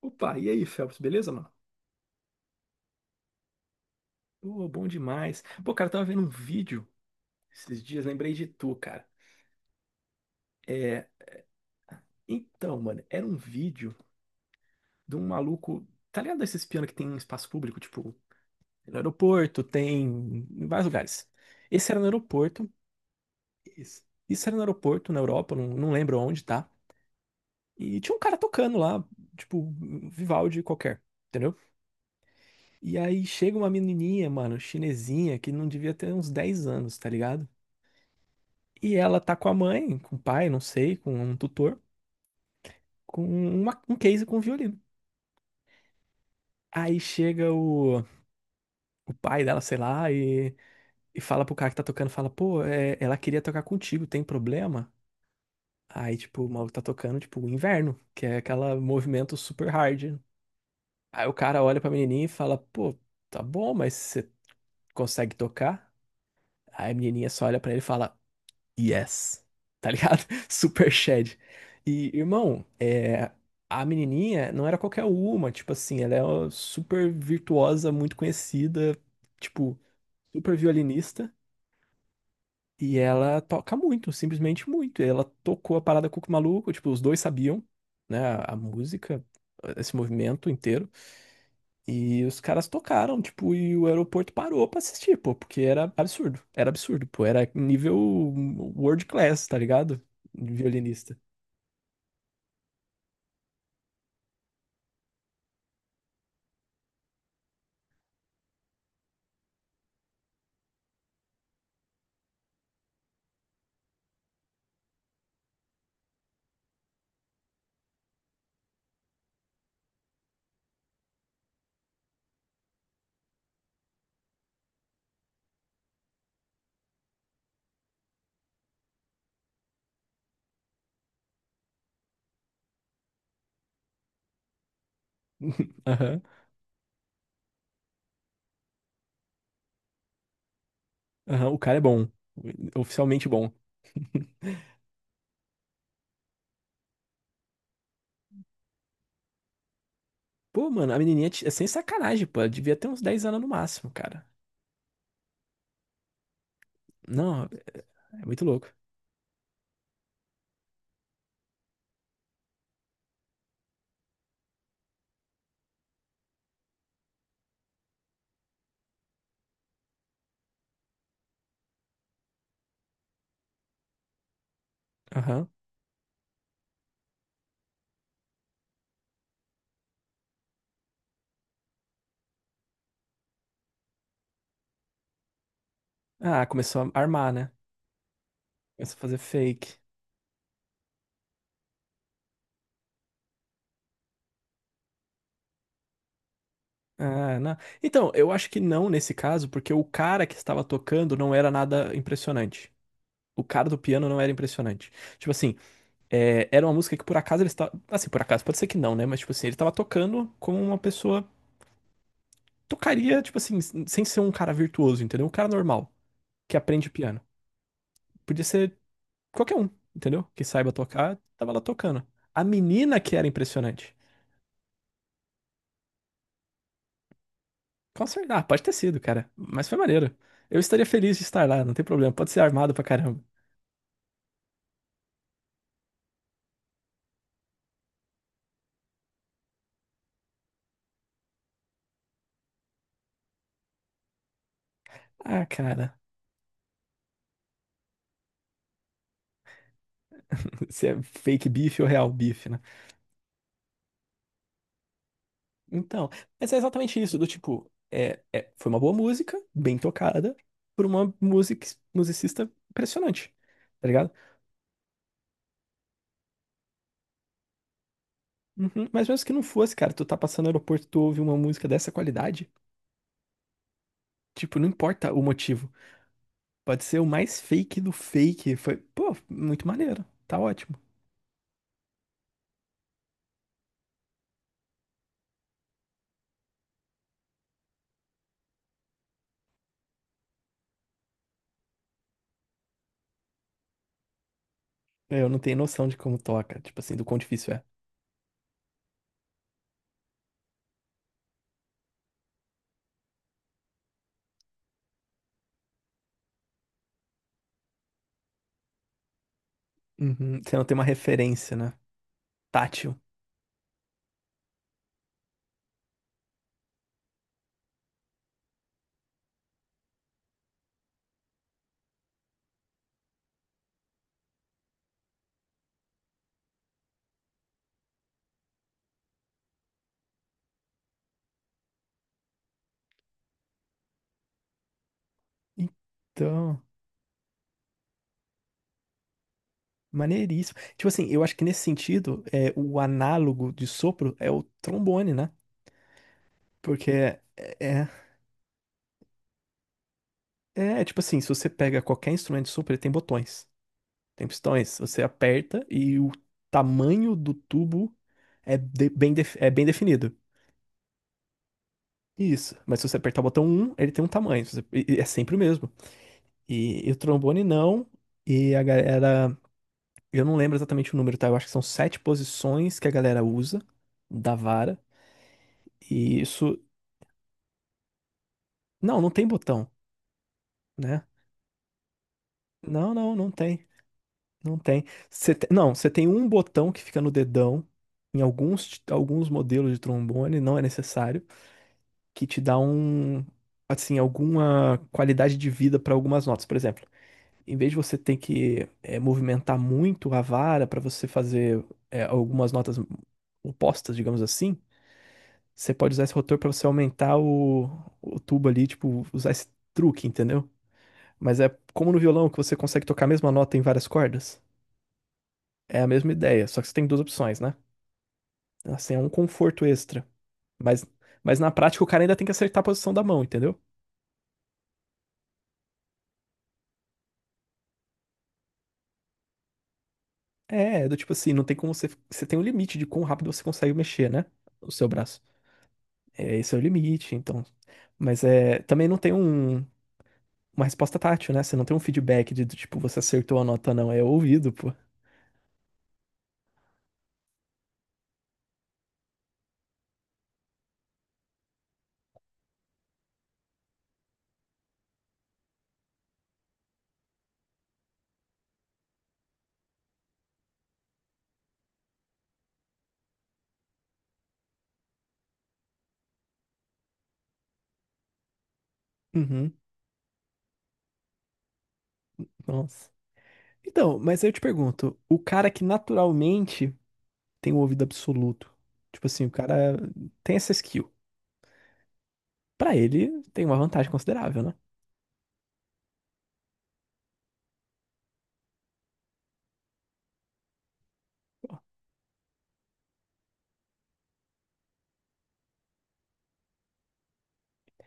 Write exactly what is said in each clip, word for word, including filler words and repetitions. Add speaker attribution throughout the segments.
Speaker 1: Opa, e aí, Phelps, beleza, mano? Pô, bom demais. Pô, cara, eu tava vendo um vídeo esses dias, lembrei de tu, cara. É, então, mano, era um vídeo de um maluco, tá ligado esses pianos que tem em espaço público, tipo, no aeroporto, tem em vários lugares. Esse era no aeroporto, isso, isso era no aeroporto, na Europa, não, não lembro onde, tá? E tinha um cara tocando lá, tipo, Vivaldi qualquer. Entendeu? E aí chega uma menininha, mano, chinesinha, que não devia ter uns dez anos, tá ligado? E ela tá com a mãe, com o pai, não sei, com um tutor, com uma- um case com um violino. Aí chega o, o pai dela, sei lá, e, e fala pro cara que tá tocando, fala, pô, é, ela queria tocar contigo, tem problema? Aí, tipo, o maluco tá tocando, tipo, o inverno, que é aquele movimento super hard. Aí o cara olha pra menininha e fala, pô, tá bom, mas você consegue tocar? Aí a menininha só olha pra ele e fala, yes. Tá ligado? Super Shed. E, irmão, é, a menininha não era qualquer uma, tipo assim, ela é uma super virtuosa, muito conhecida, tipo, super violinista, e ela toca muito, simplesmente muito. E ela tocou a parada Cuco Maluco, tipo, os dois sabiam, né, a, a música, esse movimento inteiro. E os caras tocaram, tipo, e o aeroporto parou pra assistir, pô, porque era absurdo. Era absurdo, pô. Era nível world class, tá ligado? Violinista. Aham. Aham, o cara é bom. Oficialmente bom. Pô, mano, a menininha t- é sem sacanagem, pô. Ela devia ter uns dez anos no máximo, cara. Não, é muito louco. Aham. Ah, começou a armar, né? Começou a fazer fake. Ah, não. Então, eu acho que não nesse caso, porque o cara que estava tocando não era nada impressionante. O cara do piano não era impressionante. Tipo assim, é, era uma música que por acaso ele estava. Assim, por acaso, pode ser que não, né? Mas, tipo assim, ele estava tocando como uma pessoa tocaria, tipo assim, sem ser um cara virtuoso, entendeu? Um cara normal, que aprende piano. Podia ser qualquer um, entendeu? Que saiba tocar, tava lá tocando. A menina que era impressionante. Com certeza, ah, pode ter sido, cara. Mas foi maneiro. Eu estaria feliz de estar lá, não tem problema. Pode ser armado pra caramba. Ah, cara, se é fake beef ou real beef, né? Então, mas é exatamente isso, do tipo, é, é- foi uma boa música, bem tocada, por uma music, musicista impressionante, tá ligado? Uhum, mas mesmo que não fosse, cara, tu tá passando no aeroporto, tu ouve uma música dessa qualidade, tipo, não importa o motivo, pode ser o mais fake do fake, foi, pô, muito maneiro, tá ótimo. Eu não tenho noção de como toca, tipo assim, do quão difícil é. Uhum, você não tem uma referência, né? Tátil. Então. Maneiríssimo. Tipo assim, eu acho que nesse sentido, é, o análogo de sopro é o trombone, né? Porque é, é, é é, tipo assim, se você pega qualquer instrumento de sopro, ele tem botões, tem pistões. Você aperta e o tamanho do tubo é de- bem, def- é bem definido. Isso. Mas se você apertar o botão um ele tem um tamanho. Se você- e- e é sempre o mesmo. E, e o trombone não. E a galera. Eu não lembro exatamente o número, tá? Eu acho que são sete posições que a galera usa da vara. E isso. Não, não tem botão, né? Não, não, não tem. Não tem. Você te- Não, você tem um botão que fica no dedão. Em alguns, alguns modelos de trombone, não é necessário, que te dá um, assim, alguma qualidade de vida para algumas notas. Por exemplo, em vez de você ter que eh, movimentar muito a vara para você fazer eh, algumas notas opostas, digamos assim, você pode usar esse rotor para você aumentar o, o tubo ali, tipo, usar esse truque, entendeu? Mas é como no violão que você consegue tocar a mesma nota em várias cordas. É a mesma ideia, só que você tem duas opções, né? Assim, é um conforto extra. Mas, mas na prática o cara ainda tem que acertar a posição da mão, entendeu? É, é do tipo assim, não tem como você. Você tem um limite de quão rápido você consegue mexer, né? O seu braço. É, esse é o limite, então. Mas é, também não tem um, uma resposta tátil, né? Você não tem um feedback de, do tipo, você acertou a nota, não. É ouvido, pô. Uhum. Nossa. Então, mas aí eu te pergunto, o cara que naturalmente tem um ouvido absoluto. Tipo assim, o cara tem essa skill. Pra ele, tem uma vantagem considerável, né?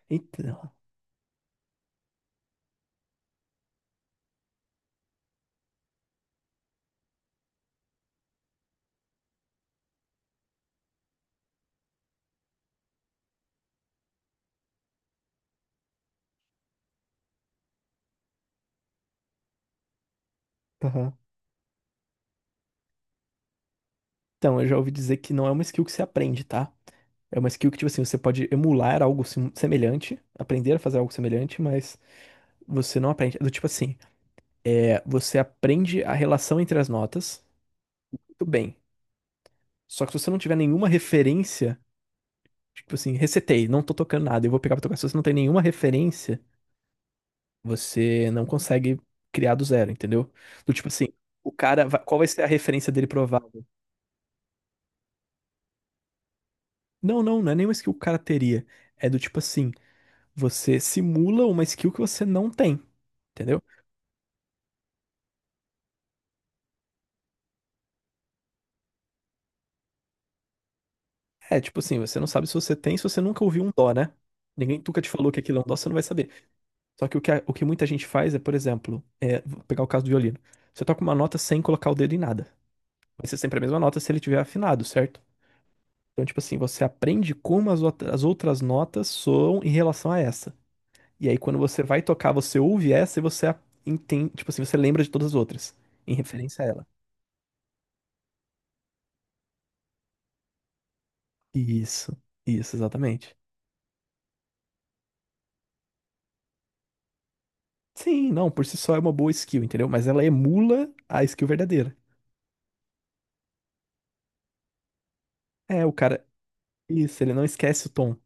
Speaker 1: Então, aham. Então, eu já ouvi dizer que não é uma skill que se aprende, tá? É uma skill que, tipo assim, você pode emular algo sim- semelhante, aprender a fazer algo semelhante, mas você não aprende. É do tipo assim, é, você aprende a relação entre as notas, tudo bem. Só que se você não tiver nenhuma referência, tipo assim, recetei, não tô tocando nada, eu vou pegar pra tocar. Se você não tem nenhuma referência, você não consegue criar do zero, entendeu? Do tipo assim, o cara, vai- qual vai ser a referência dele provável? Não, não, não é nenhuma skill que o cara teria. É do tipo assim, você simula uma skill que você não tem, entendeu? É tipo assim, você não sabe se você tem, se você nunca ouviu um dó, né? Ninguém nunca te falou que aquilo é um dó, você não vai saber. Só que o que, a- o que muita gente faz é, por exemplo, é, vou pegar o caso do violino. Você toca uma nota sem colocar o dedo em nada. Vai ser sempre a mesma nota se ele tiver afinado, certo? Então, tipo assim, você aprende como as, outra- as outras notas soam em relação a essa. E aí, quando você vai tocar, você ouve essa e você a- entende, tipo assim, você lembra de todas as outras, em referência a ela. Isso, isso, exatamente. Sim, não, por si só é uma boa skill, entendeu? Mas ela emula a skill verdadeira. É, o cara. Isso, ele não esquece o tom.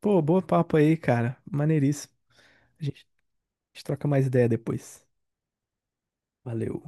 Speaker 1: Pô, boa papo aí, cara. Maneiríssimo. A gente, a gente troca mais ideia depois. Valeu.